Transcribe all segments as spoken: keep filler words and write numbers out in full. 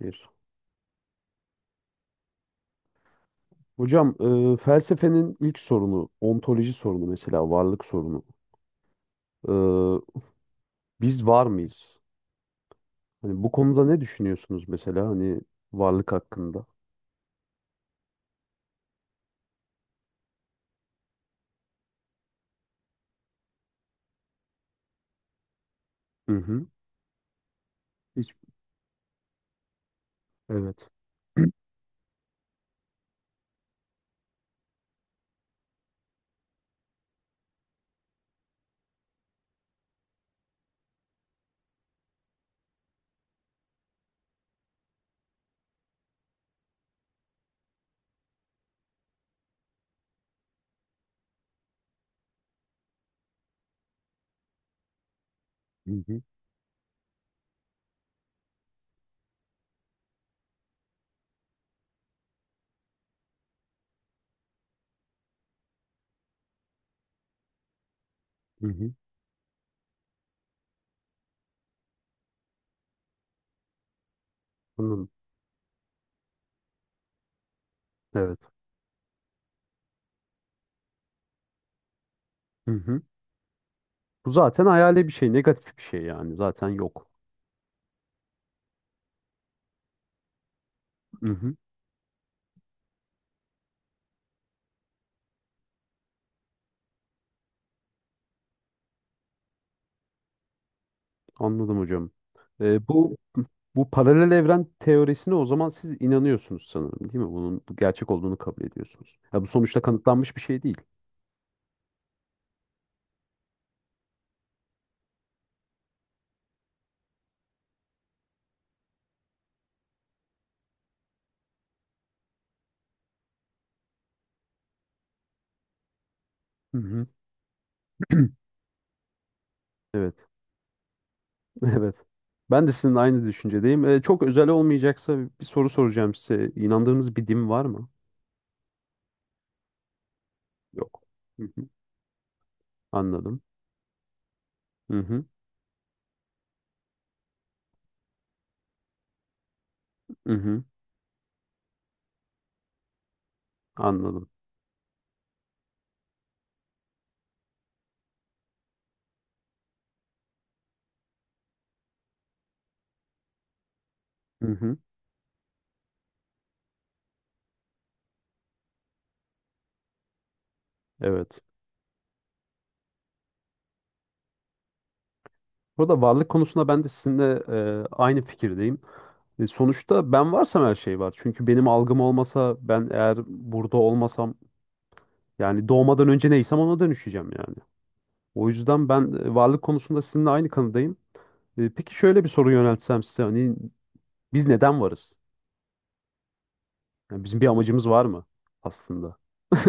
Bir. Hocam e, felsefenin ilk sorunu, ontoloji sorunu, mesela varlık sorunu. E, Biz var mıyız? Hani bu konuda ne düşünüyorsunuz mesela, hani varlık hakkında? Hı hı. Hiç. Evet. Hı hı. Hı hı. Bunun. Evet. Hı hı. Bu zaten hayali bir şey, negatif bir şey yani. Zaten yok. Hı hı. Anladım hocam. E, bu bu paralel evren teorisine o zaman siz inanıyorsunuz sanırım, değil mi? Bunun gerçek olduğunu kabul ediyorsunuz. Ya bu sonuçta kanıtlanmış bir şey değil. Hı hı. Evet, evet. Ben de sizinle aynı düşüncedeyim. Ee, çok özel olmayacaksa bir soru soracağım size. İnandığınız bir din var mı? Yok. Hı hı, anladım. Hı hı, hı hı, anladım. Hı hı, evet. Burada varlık konusunda ben de sizinle e, aynı fikirdeyim. E, sonuçta ben varsam her şey var. Çünkü benim algım olmasa, ben eğer burada olmasam, yani doğmadan önce neysem ona dönüşeceğim yani. O yüzden ben e, varlık konusunda sizinle aynı kanıdayım. E, peki şöyle bir soru yöneltsem size, hani biz neden varız? Yani bizim bir amacımız var mı aslında?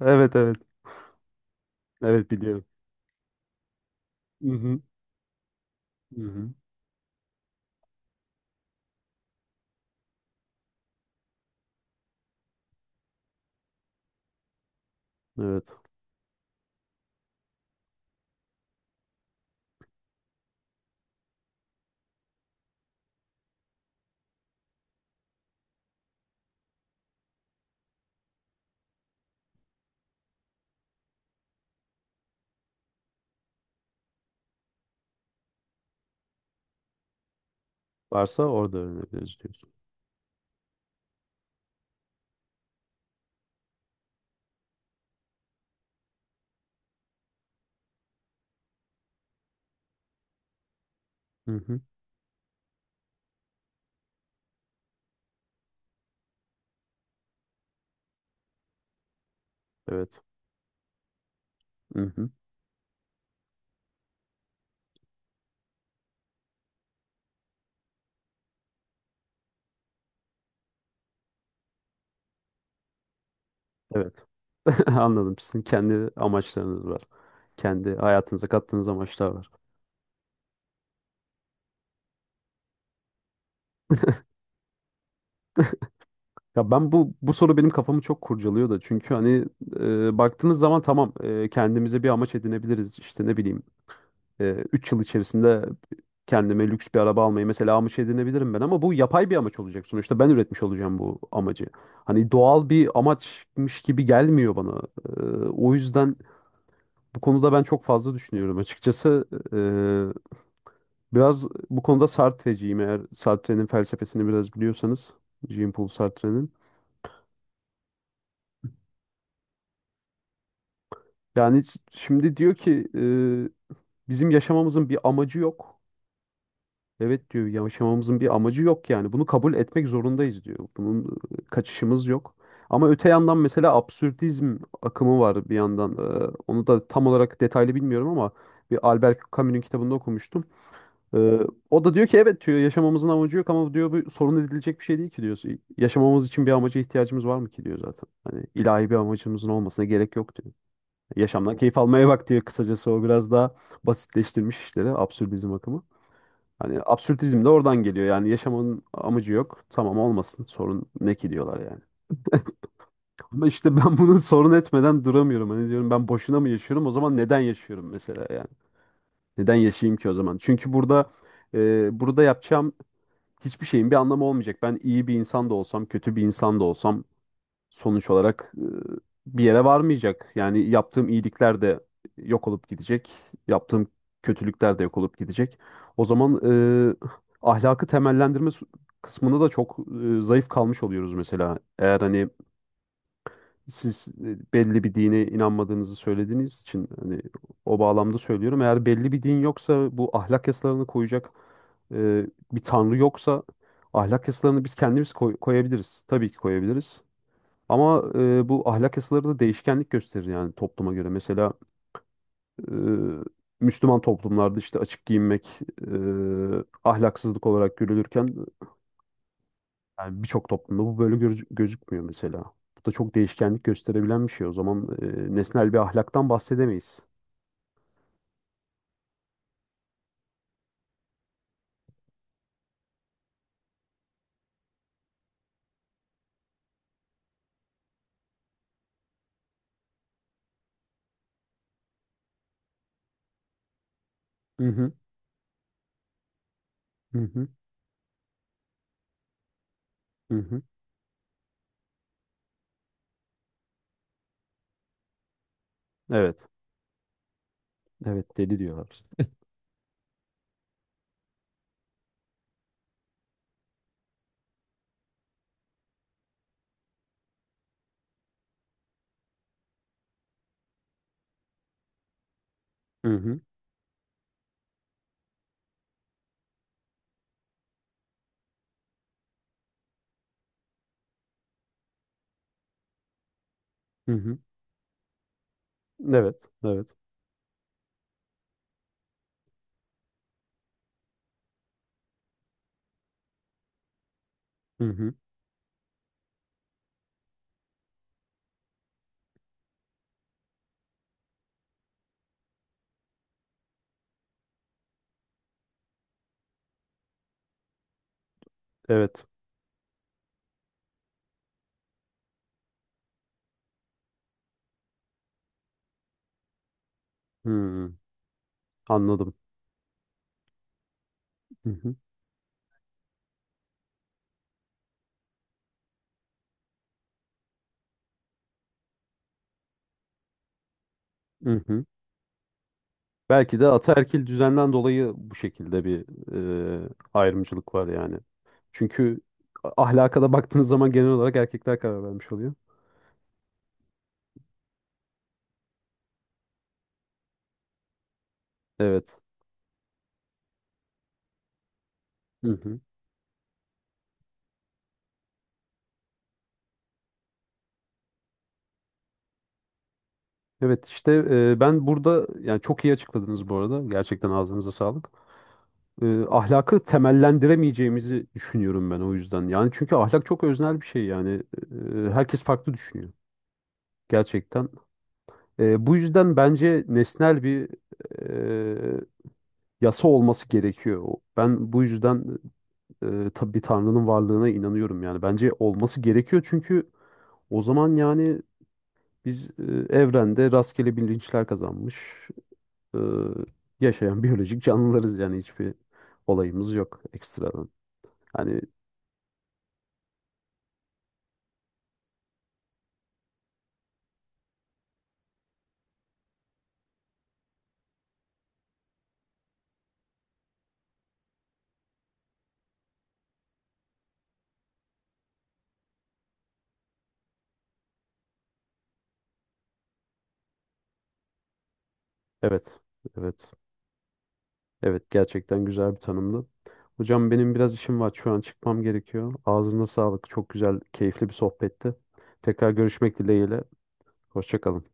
Evet, evet. Evet, biliyorum. Hı hı. Hı hı. Evet. Varsa orada öğrenebiliriz diyorsun. Hı hı. Evet. Hı hı. Evet. Anladım. Sizin kendi amaçlarınız var. Kendi hayatınıza kattığınız amaçlar var. Ya ben bu bu soru benim kafamı çok kurcalıyor da, çünkü hani e, baktığınız zaman tamam, e, kendimize bir amaç edinebiliriz, işte ne bileyim, üç yıl içerisinde kendime lüks bir araba almayı mesela amaç edinebilirim ben, ama bu yapay bir amaç olacak, sonuçta ben üretmiş olacağım bu amacı. Hani doğal bir amaçmış gibi gelmiyor bana. Ee, o yüzden bu konuda ben çok fazla düşünüyorum açıkçası. Ee, biraz bu konuda Sartre'ciyim, eğer Sartre'nin felsefesini biraz biliyorsanız. Jean-Paul Sartre'nin. Yani şimdi diyor ki e, bizim yaşamamızın bir amacı yok. Evet diyor, yaşamamızın bir amacı yok yani. Bunu kabul etmek zorundayız diyor. Bunun e, kaçışımız yok. Ama öte yandan mesela absürdizm akımı var bir yandan. Ee, onu da tam olarak detaylı bilmiyorum ama bir Albert Camus'un kitabında okumuştum. Ee, o da diyor ki evet diyor, yaşamamızın amacı yok, ama diyor bu sorun edilecek bir şey değil ki diyor. Yaşamamız için bir amaca ihtiyacımız var mı ki diyor zaten. Hani ilahi bir amacımızın olmasına gerek yok diyor. Yaşamdan keyif almaya bak diyor kısacası, o biraz daha basitleştirmiş işleri absürdizm akımı. Hani absürtizm de oradan geliyor. Yani yaşamanın amacı yok. Tamam, olmasın. Sorun ne ki diyorlar yani. Ama işte ben bunu sorun etmeden duramıyorum. Hani diyorum ben boşuna mı yaşıyorum? O zaman neden yaşıyorum mesela yani? Neden yaşayayım ki o zaman? Çünkü burada e, burada yapacağım hiçbir şeyin bir anlamı olmayacak. Ben iyi bir insan da olsam, kötü bir insan da olsam sonuç olarak e, bir yere varmayacak. Yani yaptığım iyilikler de yok olup gidecek. Yaptığım kötülükler de yok olup gidecek. O zaman e, ahlakı temellendirme su- kısmında da çok e, zayıf kalmış oluyoruz mesela. Eğer hani siz e, belli bir dine inanmadığınızı söylediğiniz için, hani o bağlamda söylüyorum. Eğer belli bir din yoksa, bu ahlak yasalarını koyacak e, bir tanrı yoksa, ahlak yasalarını biz kendimiz koy- koyabiliriz. Tabii ki koyabiliriz. Ama e, bu ahlak yasaları da değişkenlik gösterir yani topluma göre. Mesela e, Müslüman toplumlarda işte açık giyinmek e, ahlaksızlık olarak görülürken, yani birçok toplumda bu böyle göz- gözükmüyor mesela. Bu da çok değişkenlik gösterebilen bir şey. O zaman e, nesnel bir ahlaktan bahsedemeyiz. Hı hı, hı hı, hı hı. Evet, evet deli diyorlar. Hı hı, hı hı. Evet, evet. Hı hı. Evet. Hı, anladım. Hı hı. Hı hı. Belki de ataerkil düzenden dolayı bu şekilde bir e, ayrımcılık var yani. Çünkü ahlaka da baktığınız zaman genel olarak erkekler karar vermiş oluyor. Evet. Hı hı. Evet işte e, ben burada yani çok iyi açıkladınız bu arada. Gerçekten ağzınıza sağlık. E, ahlakı temellendiremeyeceğimizi düşünüyorum ben o yüzden. Yani çünkü ahlak çok öznel bir şey yani. E, herkes farklı düşünüyor gerçekten. E, bu yüzden bence nesnel bir e, yasa olması gerekiyor. Ben bu yüzden e, tabii Tanrı'nın varlığına inanıyorum yani. Bence olması gerekiyor, çünkü o zaman yani biz e, evrende rastgele bilinçler kazanmış e, yaşayan biyolojik canlılarız yani hiçbir olayımız yok ekstradan. Hani evet, evet. Evet, gerçekten güzel bir tanımdı. Hocam benim biraz işim var. Şu an çıkmam gerekiyor. Ağzına sağlık. Çok güzel, keyifli bir sohbetti. Tekrar görüşmek dileğiyle. Hoşça kalın.